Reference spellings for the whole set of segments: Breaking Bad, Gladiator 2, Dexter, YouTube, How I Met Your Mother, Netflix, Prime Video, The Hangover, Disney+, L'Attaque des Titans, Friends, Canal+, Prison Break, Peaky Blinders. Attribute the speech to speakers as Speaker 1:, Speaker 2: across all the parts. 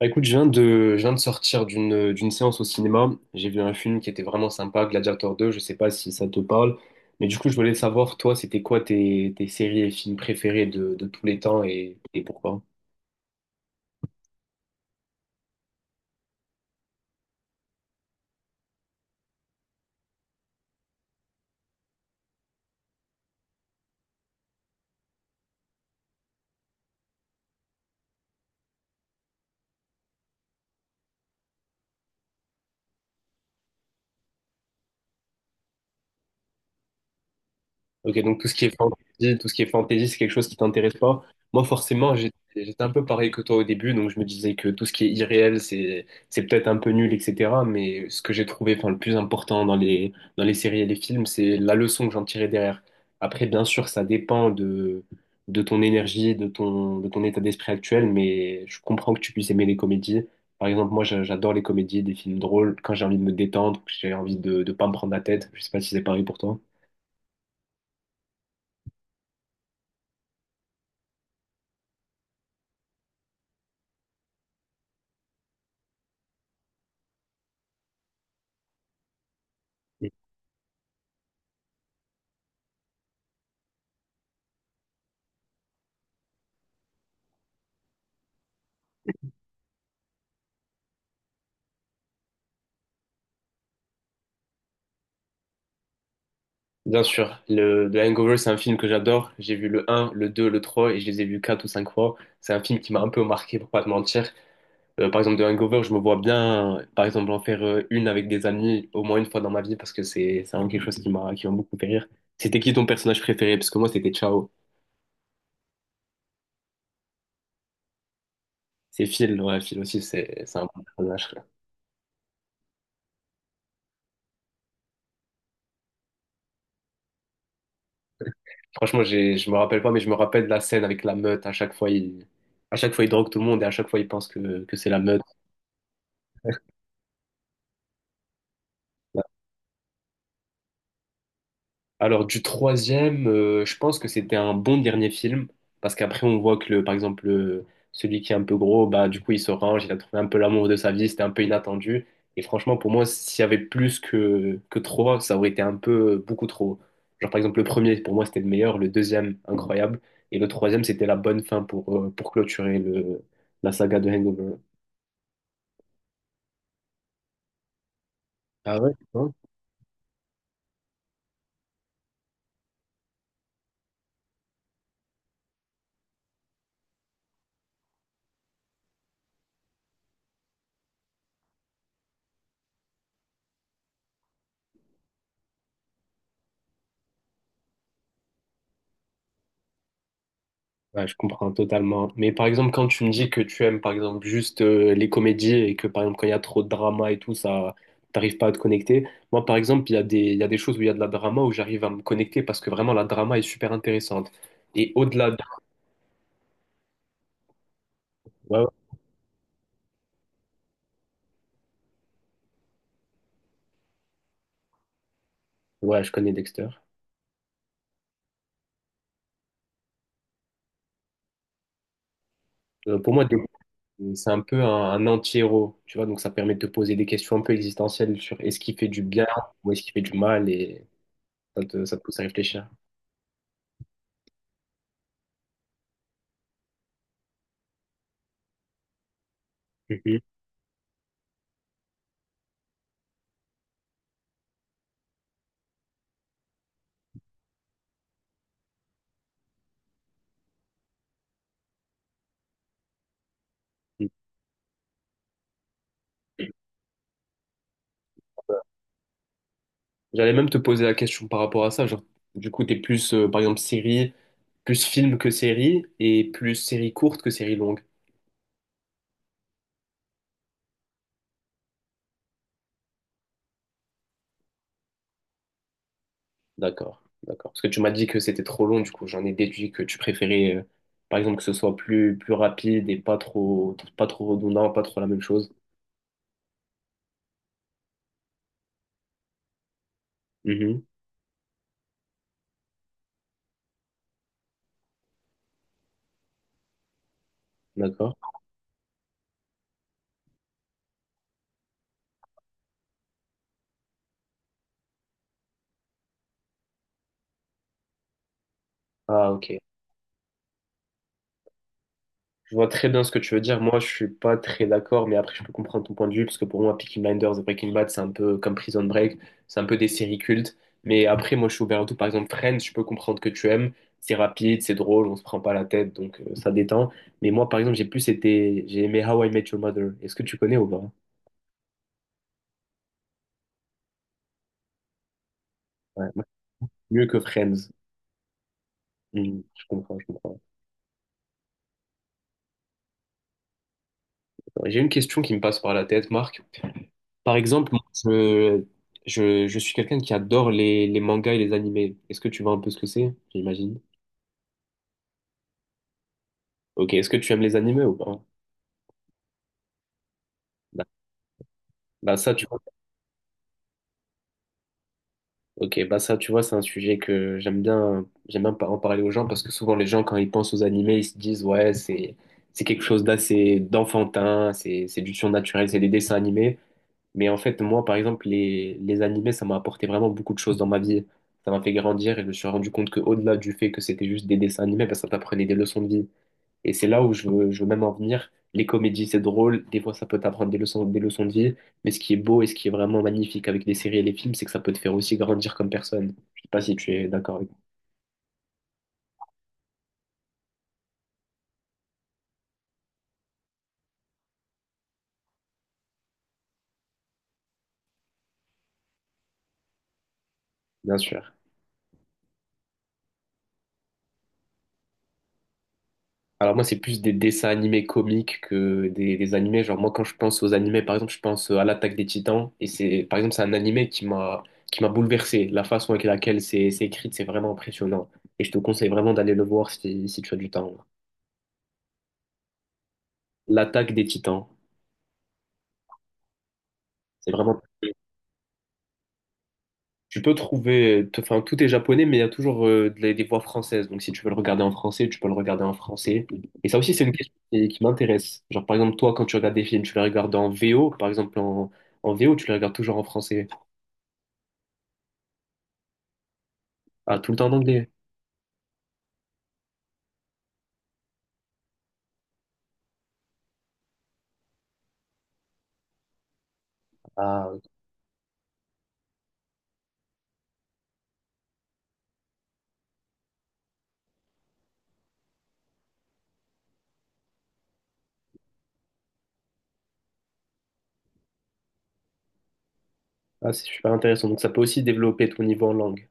Speaker 1: Bah, écoute, je viens de sortir d'une séance au cinéma. J'ai vu un film qui était vraiment sympa, Gladiator 2. Je sais pas si ça te parle, mais du coup, je voulais savoir, toi, c'était quoi tes séries et films préférés de tous les temps et pourquoi? Ok, donc tout ce qui est fantasy, tout ce qui est fantasy, c'est quelque chose qui t'intéresse pas. Moi, forcément, j'étais un peu pareil que toi au début, donc je me disais que tout ce qui est irréel, c'est peut-être un peu nul, etc. Mais ce que j'ai trouvé, enfin, le plus important dans les séries et les films, c'est la leçon que j'en tirais derrière. Après, bien sûr, ça dépend de ton énergie, de ton état d'esprit actuel, mais je comprends que tu puisses aimer les comédies. Par exemple, moi, j'adore les comédies, des films drôles. Quand j'ai envie de me détendre, que j'ai envie de pas me prendre la tête. Je sais pas si c'est pareil pour toi. Bien sûr, The Hangover, c'est un film que j'adore. J'ai vu le un, le 2, le 3 et je les ai vus 4 ou 5 fois. C'est un film qui m'a un peu marqué, pour pas te mentir. Par exemple, The Hangover, je me vois bien, par exemple, en faire une avec des amis au moins une fois dans ma vie parce que c'est vraiment quelque chose qui m'a beaucoup fait rire. C'était qui ton personnage préféré? Parce que moi, c'était Ciao. C'est Phil, ouais, Phil aussi, c'est un bon personnage, quoi. Franchement, je me rappelle pas, mais je me rappelle de la scène avec la meute. À chaque fois, il drogue tout le monde et à chaque fois, il pense que c'est la meute. Alors du troisième, je pense que c'était un bon dernier film, parce qu'après on voit que par exemple celui qui est un peu gros, bah du coup il se range, il a trouvé un peu l'amour de sa vie, c'était un peu inattendu. Et franchement pour moi s'il y avait plus que trois, ça aurait été un peu beaucoup trop. Genre par exemple le premier pour moi c'était le meilleur, le deuxième incroyable, et le troisième c'était la bonne fin pour clôturer le la saga de Hangover. Ah ouais? Ouais, je comprends totalement. Mais par exemple, quand tu me dis que tu aimes, par exemple, juste les comédies et que, par exemple, quand il y a trop de drama et tout, ça, t'arrives pas à te connecter. Moi, par exemple, il y a des choses où il y a de la drama où j'arrive à me connecter parce que vraiment, la drama est super intéressante. Et au-delà de. Ouais, ouais, ouais, je connais Dexter. Pour moi, Dexter, c'est un peu un anti-héros, tu vois, donc ça permet de te poser des questions un peu existentielles sur est-ce qu'il fait du bien ou est-ce qu'il fait du mal et ça te pousse à réfléchir. Mhm. J'allais même te poser la question par rapport à ça. Genre, du coup, t'es plus, par exemple, série, plus film que série, et plus série courte que série longue. D'accord, d'accord. Parce que tu m'as dit que c'était trop long, du coup, j'en ai déduit que tu préférais, par exemple, que ce soit plus rapide et pas trop redondant, pas trop la même chose. Mhm, d'accord. Ah, ok. Je vois très bien ce que tu veux dire. Moi, je suis pas très d'accord, mais après, je peux comprendre ton point de vue, parce que pour moi, Peaky Blinders et Breaking Bad, c'est un peu comme Prison Break, c'est un peu des séries cultes. Mais après, moi, je suis ouvert à tout. Par exemple, Friends, je peux comprendre que tu aimes. C'est rapide, c'est drôle, on se prend pas la tête, donc ça détend. Mais moi, par exemple, j'ai aimé How I Met Your Mother. Est-ce que tu connais ou pas? Ouais, moi, c'est mieux que Friends. Hmm, je comprends, je comprends. J'ai une question qui me passe par la tête, Marc. Par exemple, moi, je suis quelqu'un qui adore les mangas et les animés. Est-ce que tu vois un peu ce que c'est, j'imagine? Ok, est-ce que tu aimes les animés ou pas? Bah, bah ça, tu vois, ok, bah ça, tu vois, c'est un sujet que j'aime bien en parler aux gens parce que souvent les gens, quand ils pensent aux animés, ils se disent, ouais, c'est quelque chose d'assez d'enfantin, c'est du surnaturel, c'est des dessins animés. Mais en fait, moi, par exemple, les animés, ça m'a apporté vraiment beaucoup de choses dans ma vie. Ça m'a fait grandir et je me suis rendu compte que au-delà du fait que c'était juste des dessins animés, bah, ça t'apprenait des leçons de vie. Et c'est là où je veux même en venir. Les comédies, c'est drôle. Des fois, ça peut t'apprendre des leçons de vie. Mais ce qui est beau et ce qui est vraiment magnifique avec les séries et les films, c'est que ça peut te faire aussi grandir comme personne. Je sais pas si tu es d'accord avec moi. Bien sûr. Alors moi, c'est plus des dessins animés comiques que des animés. Genre moi, quand je pense aux animés, par exemple, je pense à l'Attaque des Titans. Et c'est, par exemple, c'est un animé qui m'a bouleversé. La façon avec laquelle c'est écrit, c'est vraiment impressionnant. Et je te conseille vraiment d'aller le voir si tu as du temps. L'Attaque des Titans, c'est vraiment. Tu peux trouver, enfin tout est japonais, mais il y a toujours des voix françaises. Donc si tu veux le regarder en français, tu peux le regarder en français. Et ça aussi, c'est une question qui m'intéresse. Genre par exemple, toi, quand tu regardes des films, tu les regardes en VO, par exemple en VO, tu les regardes toujours en français. Ah, tout le temps en anglais. Ah, ah, c'est super intéressant. Donc ça peut aussi développer ton niveau en langue.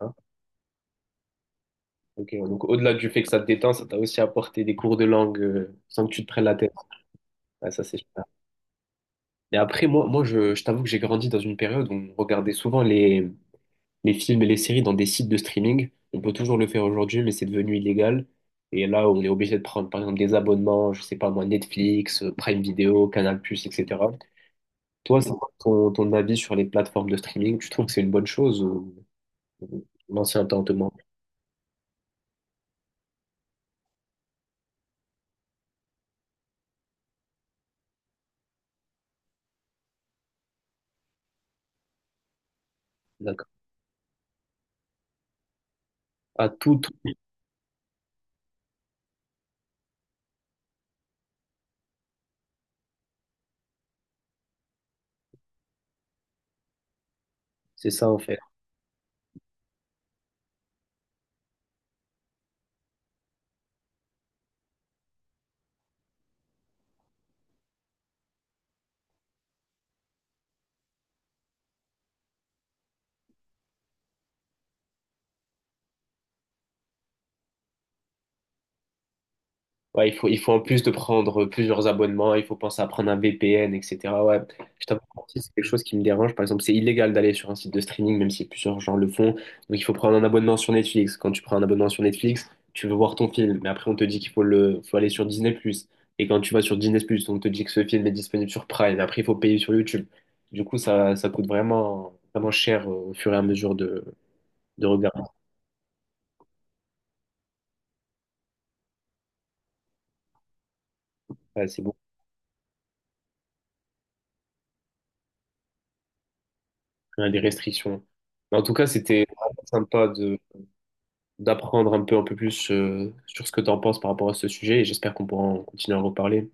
Speaker 1: Hein. Ok, ouais, donc au-delà du fait que ça te détend, ça t'a aussi apporté des cours de langue sans que tu te prennes la tête. Ah, ça c'est super. Et après, moi je t'avoue que j'ai grandi dans une période où on regardait souvent les films et les séries dans des sites de streaming. On peut toujours le faire aujourd'hui, mais c'est devenu illégal. Et là, on est obligé de prendre, par exemple, des abonnements, je sais pas moi, Netflix, Prime Video, Canal+, etc. Toi, c'est quoi ton avis sur les plateformes de streaming? Tu trouves que c'est une bonne chose ou l'ancien temps te manque? D'accord. À tout, tout. C'est ça en fait. Ouais, il faut en plus de prendre plusieurs abonnements, il faut penser à prendre un VPN, etc. Ouais, je t'avoue que aussi, c'est quelque chose qui me dérange. Par exemple, c'est illégal d'aller sur un site de streaming, même si plusieurs gens le font. Donc, il faut prendre un abonnement sur Netflix. Quand tu prends un abonnement sur Netflix, tu veux voir ton film, mais après, on te dit qu'il faut aller sur Disney+ plus. Et quand tu vas sur Disney+, plus on te dit que ce film est disponible sur Prime. Après, il faut payer sur YouTube. Du coup, ça coûte vraiment, vraiment cher au fur et à mesure de regarder. Ouais, c'est beaucoup. Il y a des restrictions. Mais en tout cas, c'était vraiment sympa de d'apprendre un peu plus sur ce que tu en penses par rapport à ce sujet et j'espère qu'on pourra en continuer à en reparler.